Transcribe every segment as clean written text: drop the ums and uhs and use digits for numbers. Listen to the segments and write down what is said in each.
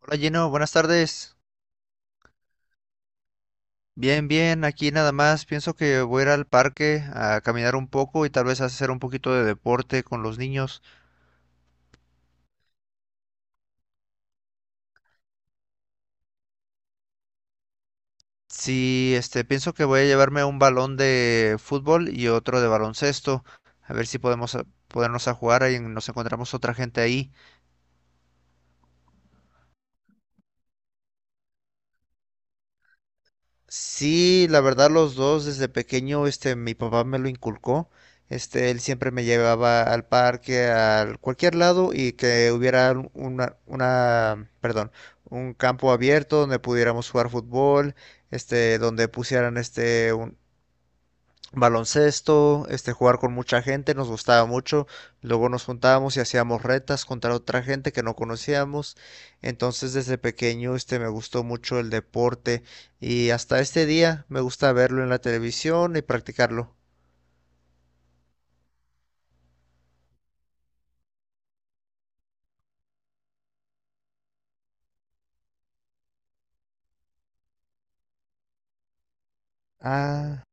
Hola Gino, buenas tardes. Bien, bien, aquí nada más. Pienso que voy a ir al parque a caminar un poco y tal vez hacer un poquito de deporte con los niños. Sí, pienso que voy a llevarme un balón de fútbol y otro de baloncesto. A ver si podemos ponernos a jugar ahí, nos encontramos otra gente ahí. Sí, la verdad los dos desde pequeño, mi papá me lo inculcó. Él siempre me llevaba al parque, a cualquier lado y que hubiera una un campo abierto donde pudiéramos jugar fútbol, donde pusieran baloncesto, jugar con mucha gente, nos gustaba mucho. Luego nos juntábamos y hacíamos retas contra otra gente que no conocíamos. Entonces desde pequeño me gustó mucho el deporte y hasta este día me gusta verlo en la televisión y practicarlo. Ah,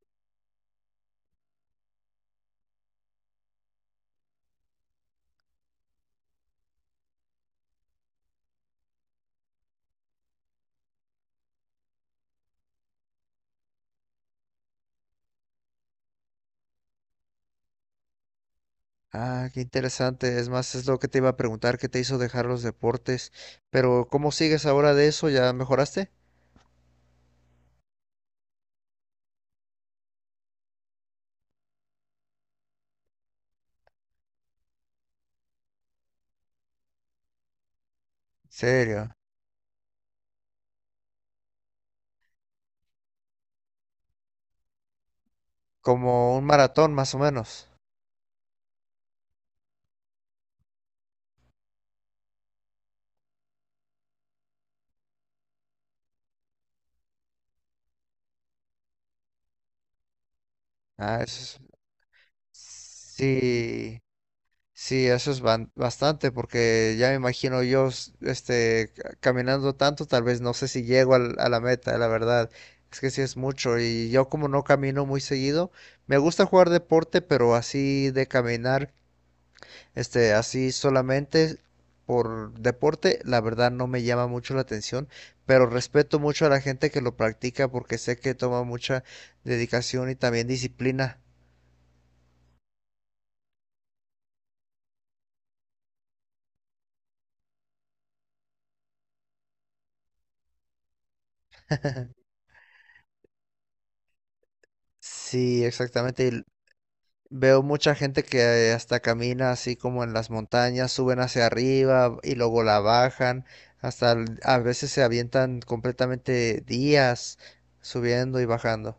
ah, qué interesante. Es más, es lo que te iba a preguntar, ¿qué te hizo dejar los deportes? Pero ¿cómo sigues ahora de eso? ¿Ya mejoraste? Serio, como un maratón más o menos. Ah, eso es- sí. Sí, eso es bastante, porque ya me imagino yo, caminando tanto, tal vez no sé si llego a la meta, la verdad. Es que sí es mucho y yo como no camino muy seguido, me gusta jugar deporte, pero así de caminar, así solamente por deporte, la verdad no me llama mucho la atención, pero respeto mucho a la gente que lo practica porque sé que toma mucha dedicación y también disciplina. Sí, exactamente. Veo mucha gente que hasta camina así como en las montañas, suben hacia arriba y luego la bajan, a veces se avientan completamente días subiendo y bajando.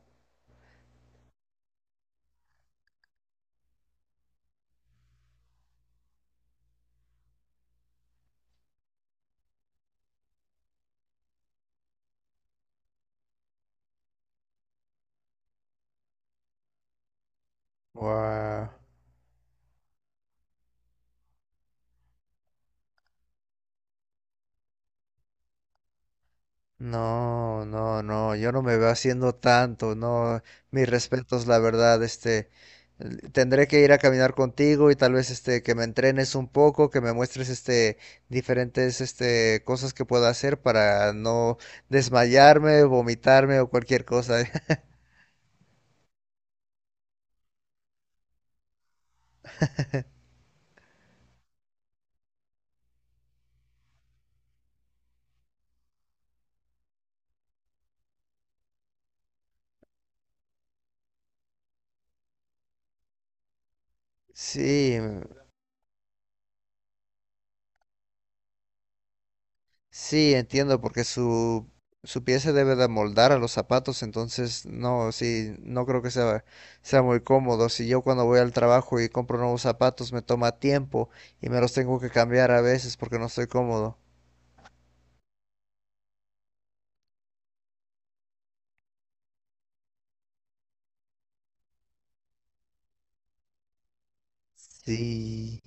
Guau. No, no, no, yo no me veo haciendo tanto, no, mis respetos, la verdad, tendré que ir a caminar contigo y tal vez, que me entrenes un poco, que me muestres, diferentes, cosas que pueda hacer para no desmayarme, vomitarme o cualquier cosa. Sí, Sí, entiendo, porque su pie se debe de moldar a los zapatos, entonces no, sí, no creo que sea, sea muy cómodo. Si yo cuando voy al trabajo y compro nuevos zapatos me toma tiempo y me los tengo que cambiar a veces porque no estoy cómodo. Sí,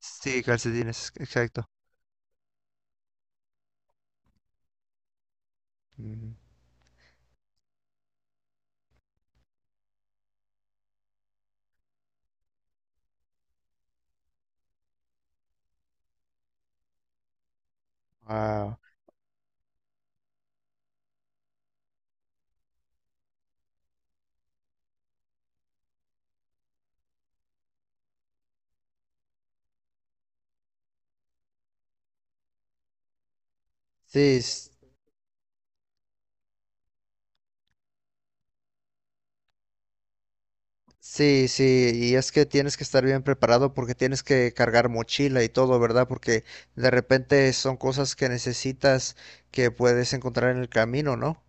sí, calcetines, exacto. Wow. Sí, sí, sí, y es que tienes que estar bien preparado porque tienes que cargar mochila y todo, ¿verdad? Porque de repente son cosas que necesitas que puedes encontrar en el camino, ¿no?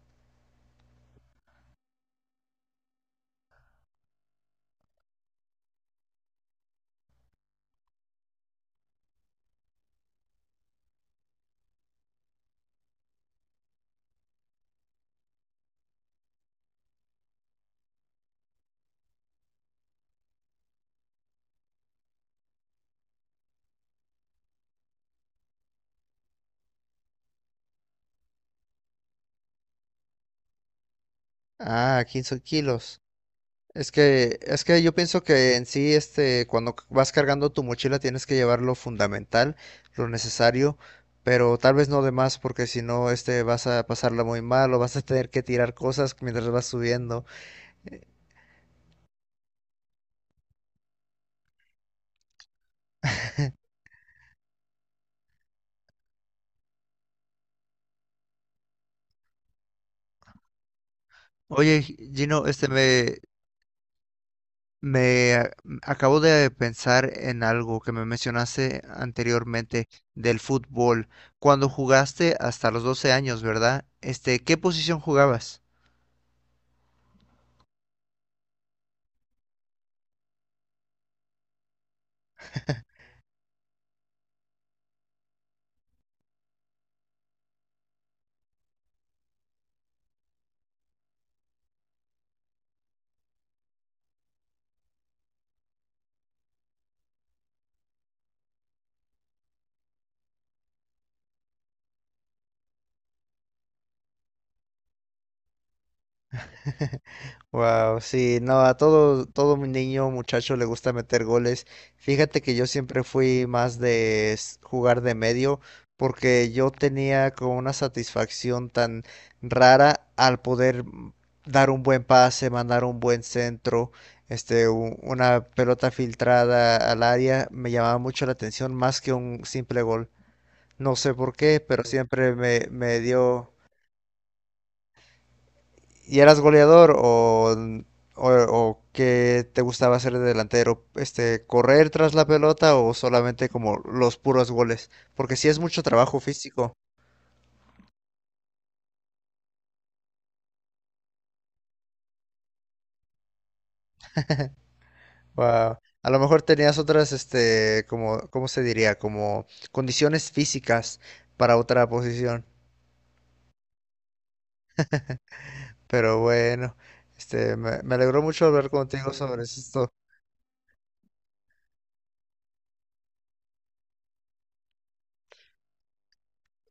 Ah, 15 kilos. Es que yo pienso que en sí, cuando vas cargando tu mochila tienes que llevar lo fundamental, lo necesario, pero tal vez no de más porque si no, vas a pasarla muy mal o vas a tener que tirar cosas mientras vas subiendo. Oye, Gino, Me a- acabo de pensar en algo que me mencionaste anteriormente del fútbol. Cuando jugaste hasta los 12 años, ¿verdad? ¿Qué posición jugabas? Wow, sí, no, todo mi niño, muchacho le gusta meter goles. Fíjate que yo siempre fui más de jugar de medio, porque yo tenía como una satisfacción tan rara al poder dar un buen pase, mandar un buen centro, una pelota filtrada al área, me llamaba mucho la atención más que un simple gol. No sé por qué, pero sí siempre me dio. ¿Y eras goleador o o qué te gustaba hacer de delantero? ¿Correr tras la pelota o solamente como los puros goles? Porque sí es mucho trabajo físico. Wow. A lo mejor tenías otras, como, ¿cómo se diría? Como condiciones físicas para otra posición. Pero bueno, me alegró mucho hablar contigo sobre esto.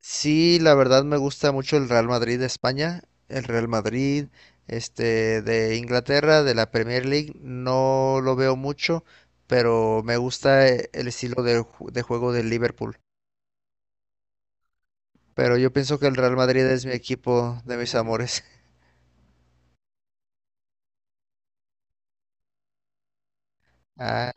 Sí, la verdad me gusta mucho el Real Madrid de España, el Real Madrid, de Inglaterra, de la Premier League, no lo veo mucho, pero me gusta el estilo de, de juego del Liverpool. Pero yo pienso que el Real Madrid es mi equipo de mis amores. Ah,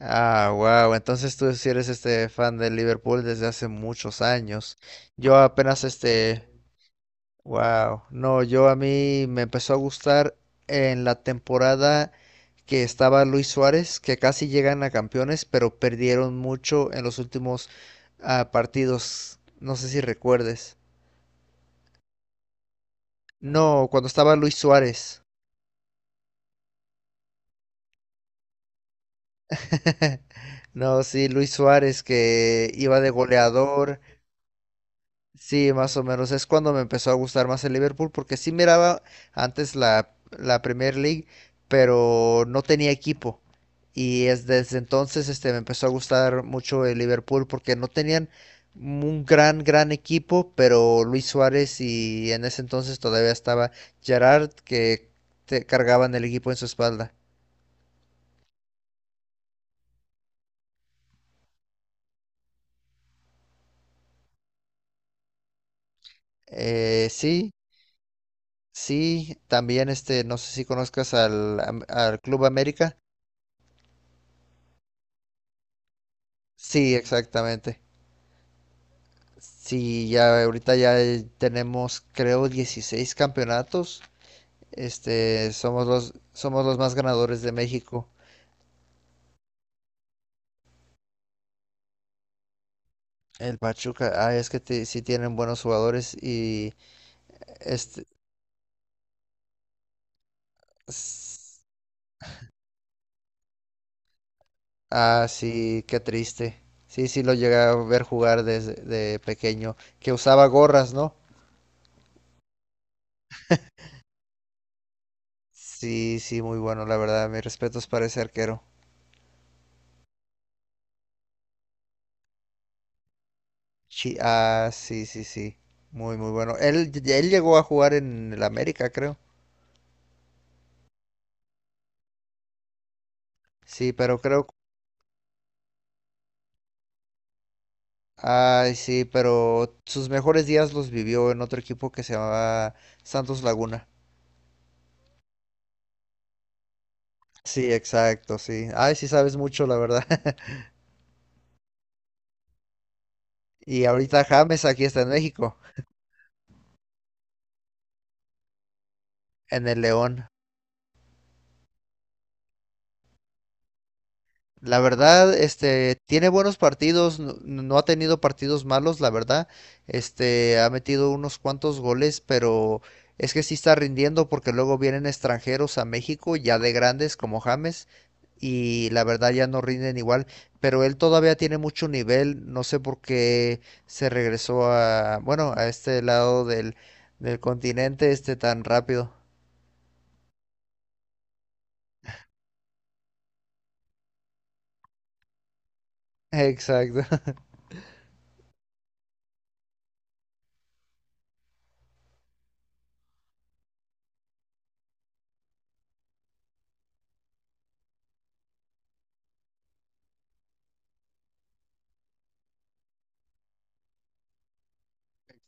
ah, wow. Entonces tú sí eres fan del Liverpool desde hace muchos años. Yo apenas este Wow, no, yo a mí me empezó a gustar en la temporada que estaba Luis Suárez, que casi llegan a campeones, pero perdieron mucho en los últimos partidos. No sé si recuerdes. No, cuando estaba Luis Suárez. No, sí, Luis Suárez que iba de goleador. Sí, más o menos. Es cuando me empezó a gustar más el Liverpool, porque sí miraba antes la Premier League, pero no tenía equipo. Y es desde entonces me empezó a gustar mucho el Liverpool, porque no tenían un gran equipo, pero Luis Suárez y en ese entonces todavía estaba Gerard, que te cargaban el equipo en su espalda. Sí, sí, también no sé si conozcas al Club América. Sí, exactamente. Sí, ya ahorita ya tenemos creo 16 campeonatos. Este, somos los más ganadores de México. El Pachuca, ah, es que sí tienen buenos jugadores y este s- ah, sí, qué triste. Sí, sí lo llegué a ver jugar desde de pequeño, que usaba gorras, ¿no? Sí, sí, muy bueno, la verdad, mis respetos para ese arquero. Ah, sí, sí, sí. Muy, muy bueno. Él llegó a jugar en el América, creo. Sí, pero creo, ay, sí, pero sus mejores días los vivió en otro equipo que se llamaba Santos Laguna. Sí, exacto, sí. Ay, sí sabes mucho, la verdad. Y ahorita James aquí está en México, en el León. La verdad, tiene buenos partidos, no, no ha tenido partidos malos, la verdad. Ha metido unos cuantos goles, pero es que sí está rindiendo porque luego vienen extranjeros a México, ya de grandes como James, y la verdad ya no rinden igual, pero él todavía tiene mucho nivel, no sé por qué se regresó a, bueno, a este lado del continente tan rápido. Exacto.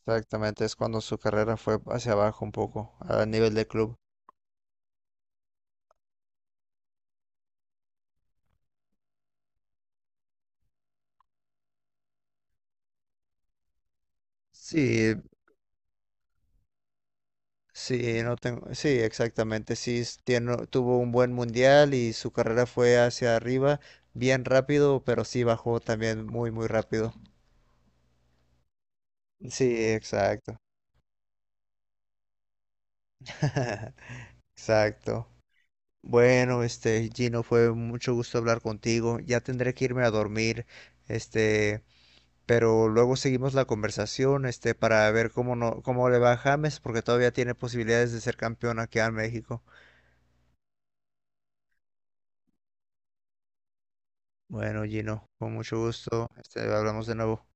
Exactamente, es cuando su carrera fue hacia abajo un poco, a nivel de club. Sí, sí, no tengo, sí, exactamente, sí, tuvo un buen mundial y su carrera fue hacia arriba, bien rápido, pero sí bajó también muy, muy rápido. Sí, exacto, exacto. Bueno, Gino, fue mucho gusto hablar contigo, ya tendré que irme a dormir, este, pero luego seguimos la conversación, para ver cómo no, cómo le va a James, porque todavía tiene posibilidades de ser campeón aquí en México. Bueno, Gino, con mucho gusto. Este, hablamos de nuevo.